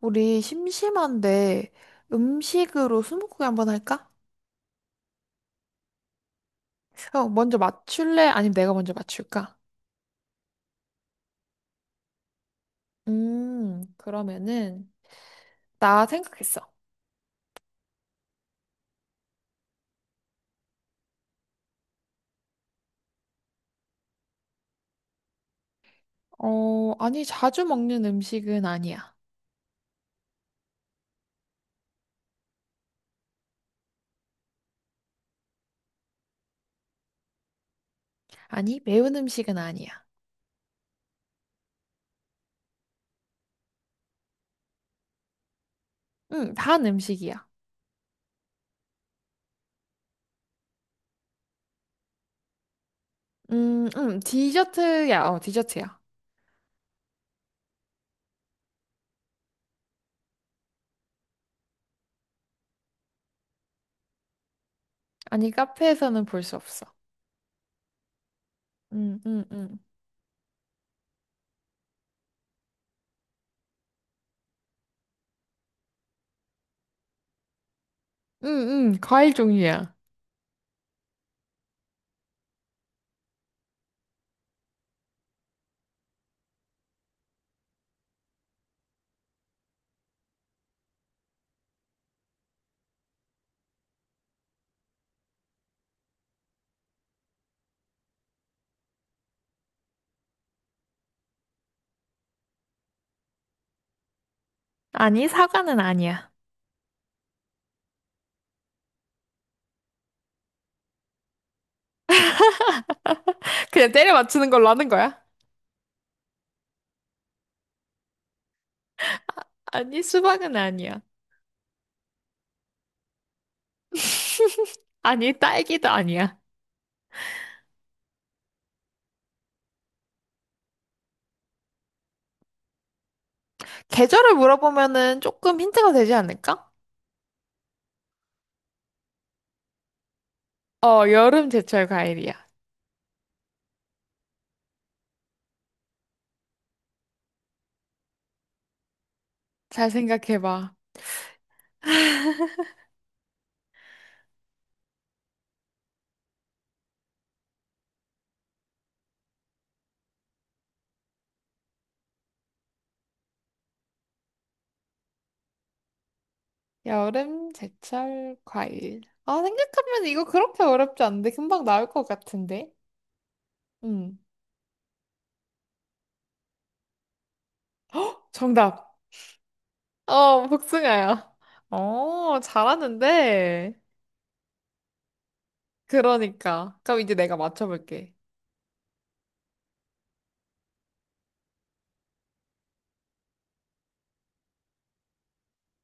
우리 심심한데 음식으로 스무고개 한번 할까? 어, 먼저 맞출래? 아니면 내가 먼저 맞출까? 그러면은 나 생각했어. 어, 아니 자주 먹는 음식은 아니야. 아니 매운 음식은 아니야. 단 음식이야. 디저트야. 어, 디저트야. 아니 카페에서는 볼 수 없어. 음, 음, 음. 음, 과일 종류야. 아니 사과는 아니야. 그냥 때려 맞추는 걸로 하는 거야. 아니 수박은 아니야. 아니, 딸기도 아니야. 계절을 물어보면은 조금 힌트가 되지 않을까? 어, 여름, 제철, 과일이야. 잘 생각해봐. 여름, 제철, 과일. 아, 생각하면 이거 그렇게 어렵지 않은데 금방 나올 것 같은데. 음, 정답. 어, 복숭아야. 어, 잘하는데. 그러니까. 그럼 이제 내가 맞춰볼게.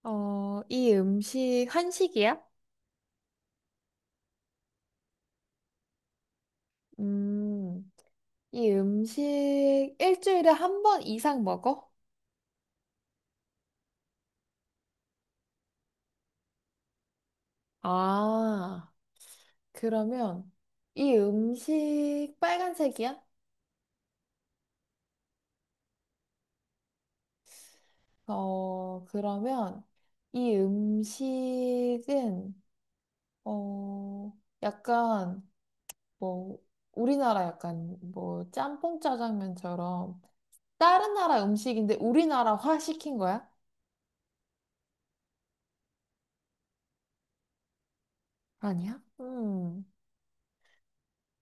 어, 이 음식 한식이야? 음, 이 음식 일주일에 한 번 이상 먹어? 아, 그러면 이 음식 빨간색이야? 어, 그러면 이 음식은 어, 약간 뭐 우리나라 약간 뭐 짬뽕 짜장면처럼 다른 나라 음식인데 우리나라화 시킨 거야? 아니야?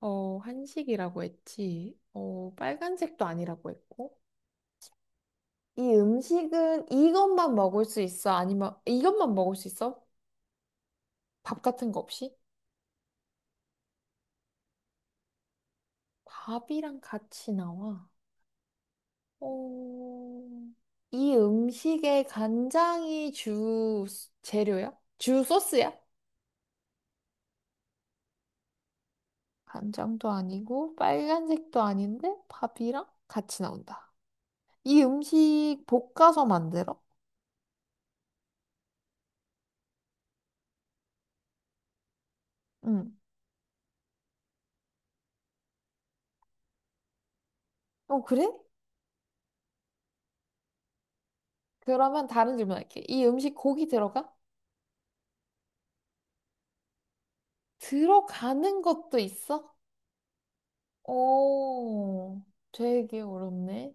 어, 한식이라고 했지. 어, 빨간색도 아니라고 했고. 이 음식은 이것만 먹을 수 있어? 아니면 이것만 먹을 수 있어? 밥 같은 거 없이? 밥이랑 같이 나와. 어, 이 음식에 간장이 주 재료야? 주 소스야? 간장도 아니고 빨간색도 아닌데 밥이랑 같이 나온다. 이 음식 볶아서 만들어? 응. 어, 그래? 그러면 다른 질문할게. 이 음식 고기 들어가? 들어가는 것도 있어? 오, 되게 어렵네.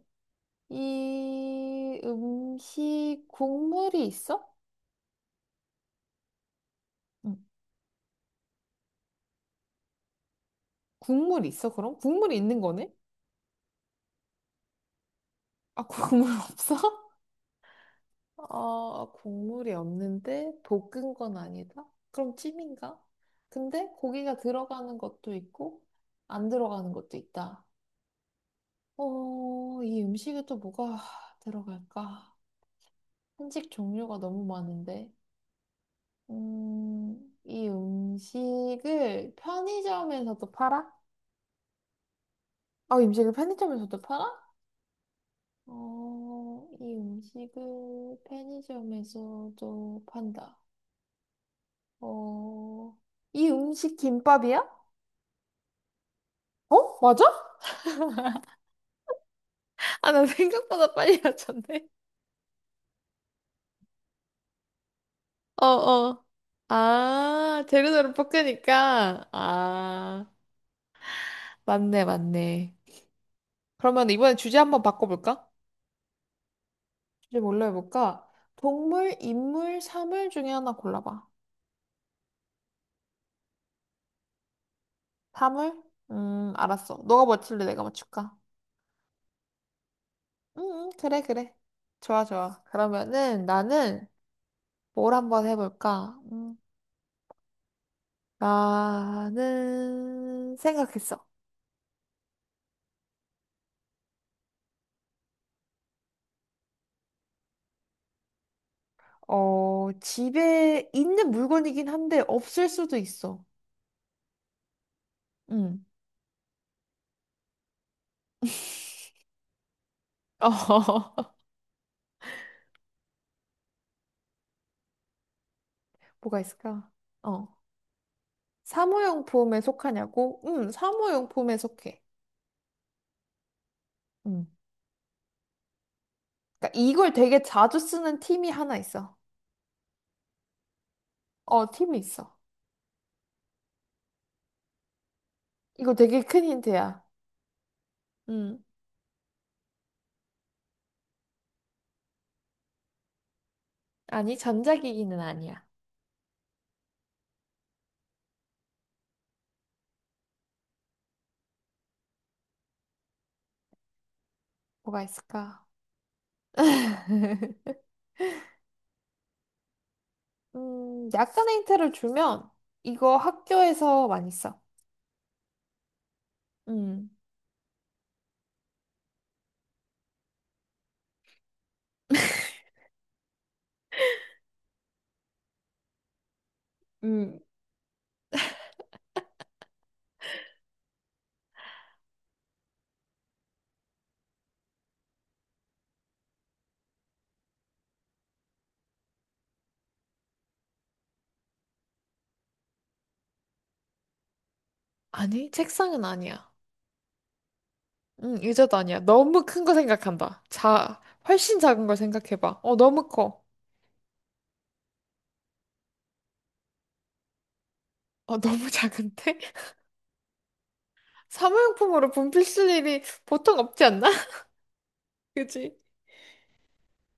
이 음식 국물이 있어? 응. 국물 있어, 그럼? 국물이 있는 거네? 아, 국물 없어? 어, 국물이 없는데 볶은 건 아니다? 그럼 찜인가? 근데 고기가 들어가는 것도 있고 안 들어가는 것도 있다. 어, 이 음식에 또 뭐가 들어갈까? 한식 종류가 너무 많은데. 이 음식을 편의점에서도 팔아? 아, 이 음식을 편의점에서도 팔아? 어, 이 음식을 편의점에서도 판다. 어, 이 음식 김밥이야? 어? 맞아? 아, 나 생각보다 빨리 맞췄네. 어, 어. 아, 재료대로 볶으니까 아, 맞네, 맞네. 그러면 이번에 주제 한번 바꿔볼까? 주제 뭘로 해볼까? 동물, 인물, 사물 중에 하나 골라봐. 사물? 알았어. 너가 맞출래? 내가 맞출까? 응, 응, 그래, 그래. 좋아, 좋아. 그러면은 나는 뭘 한번 해볼까? 나는 생각했어. 어, 집에 있는 물건이긴 한데 없을 수도 있어. 응. 어, 뭐가 있을까? 어. 사무용품에 속하냐고? 응, 사무용품에 속해. 응. 그러니까 이걸 되게 자주 쓰는 팀이 하나 있어. 어, 팀이 있어. 이거 되게 큰 힌트야. 응. 아니, 전자기기는 아니야. 뭐가 있을까? 약간의 힌트를 주면 이거 학교에서 많이 써. 음, 음, 아니, 책상은 아니야. 의자도 아니야. 너무 큰 거 생각한다. 자, 훨씬 작은 걸 생각해봐. 어, 너무 커. 어, 너무 작은데? 사무용품으로 분필 쓸 일이 보통 없지 않나? 그지?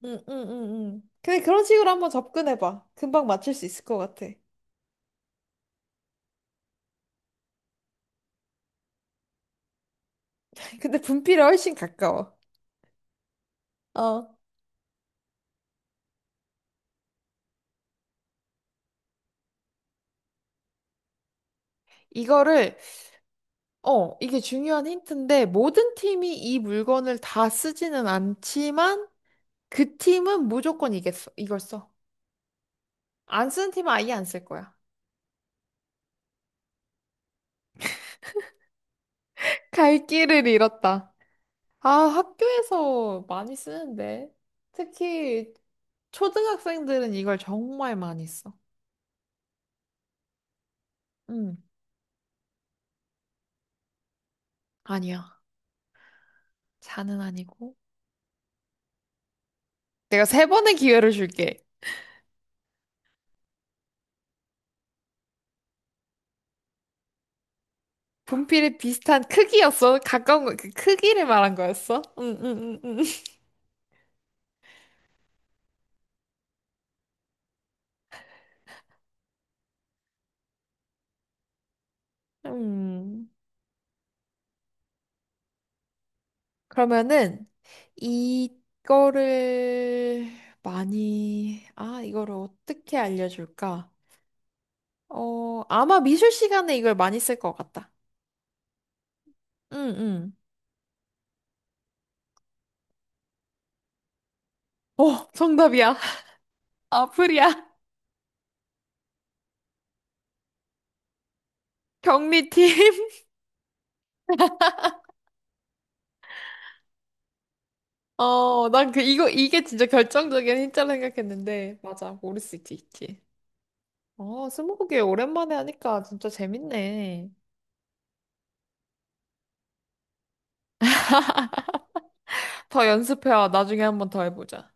응, 응, 응, 응. 근데 그런 식으로 한번 접근해봐. 금방 맞출 수 있을 것 같아. 근데 분필이 훨씬 가까워. 어. 이거를 이게 중요한 힌트인데, 모든 팀이 이 물건을 다 쓰지는 않지만, 그 팀은 무조건 이겠어. 이걸 써. 안 쓰는 팀은 아예 안 쓸 거야. 갈 길을 잃었다. 아, 학교에서 많이 쓰는데. 특히 초등학생들은 이걸 정말 많이 써. 음, 아니야. 자는 아니고. 내가 세 번의 기회를 줄게. 분필이 비슷한 크기였어. 가까운 거, 그 크기를 말한 거였어. 응, 응, 응, 응 그러면은 이거를 많이 아 이거를 어떻게 알려줄까? 어 아마 미술 시간에 이걸 많이 쓸 것 같다. 응응. 어 정답이야. 아프리아 경리팀. 어 난 그 이거 이게 진짜 결정적인 힌트라 생각했는데 맞아 모를 수 있지. 어 스무고개 오랜만에 하니까 진짜 재밌네. 더 연습해와 나중에 한번 더 해보자.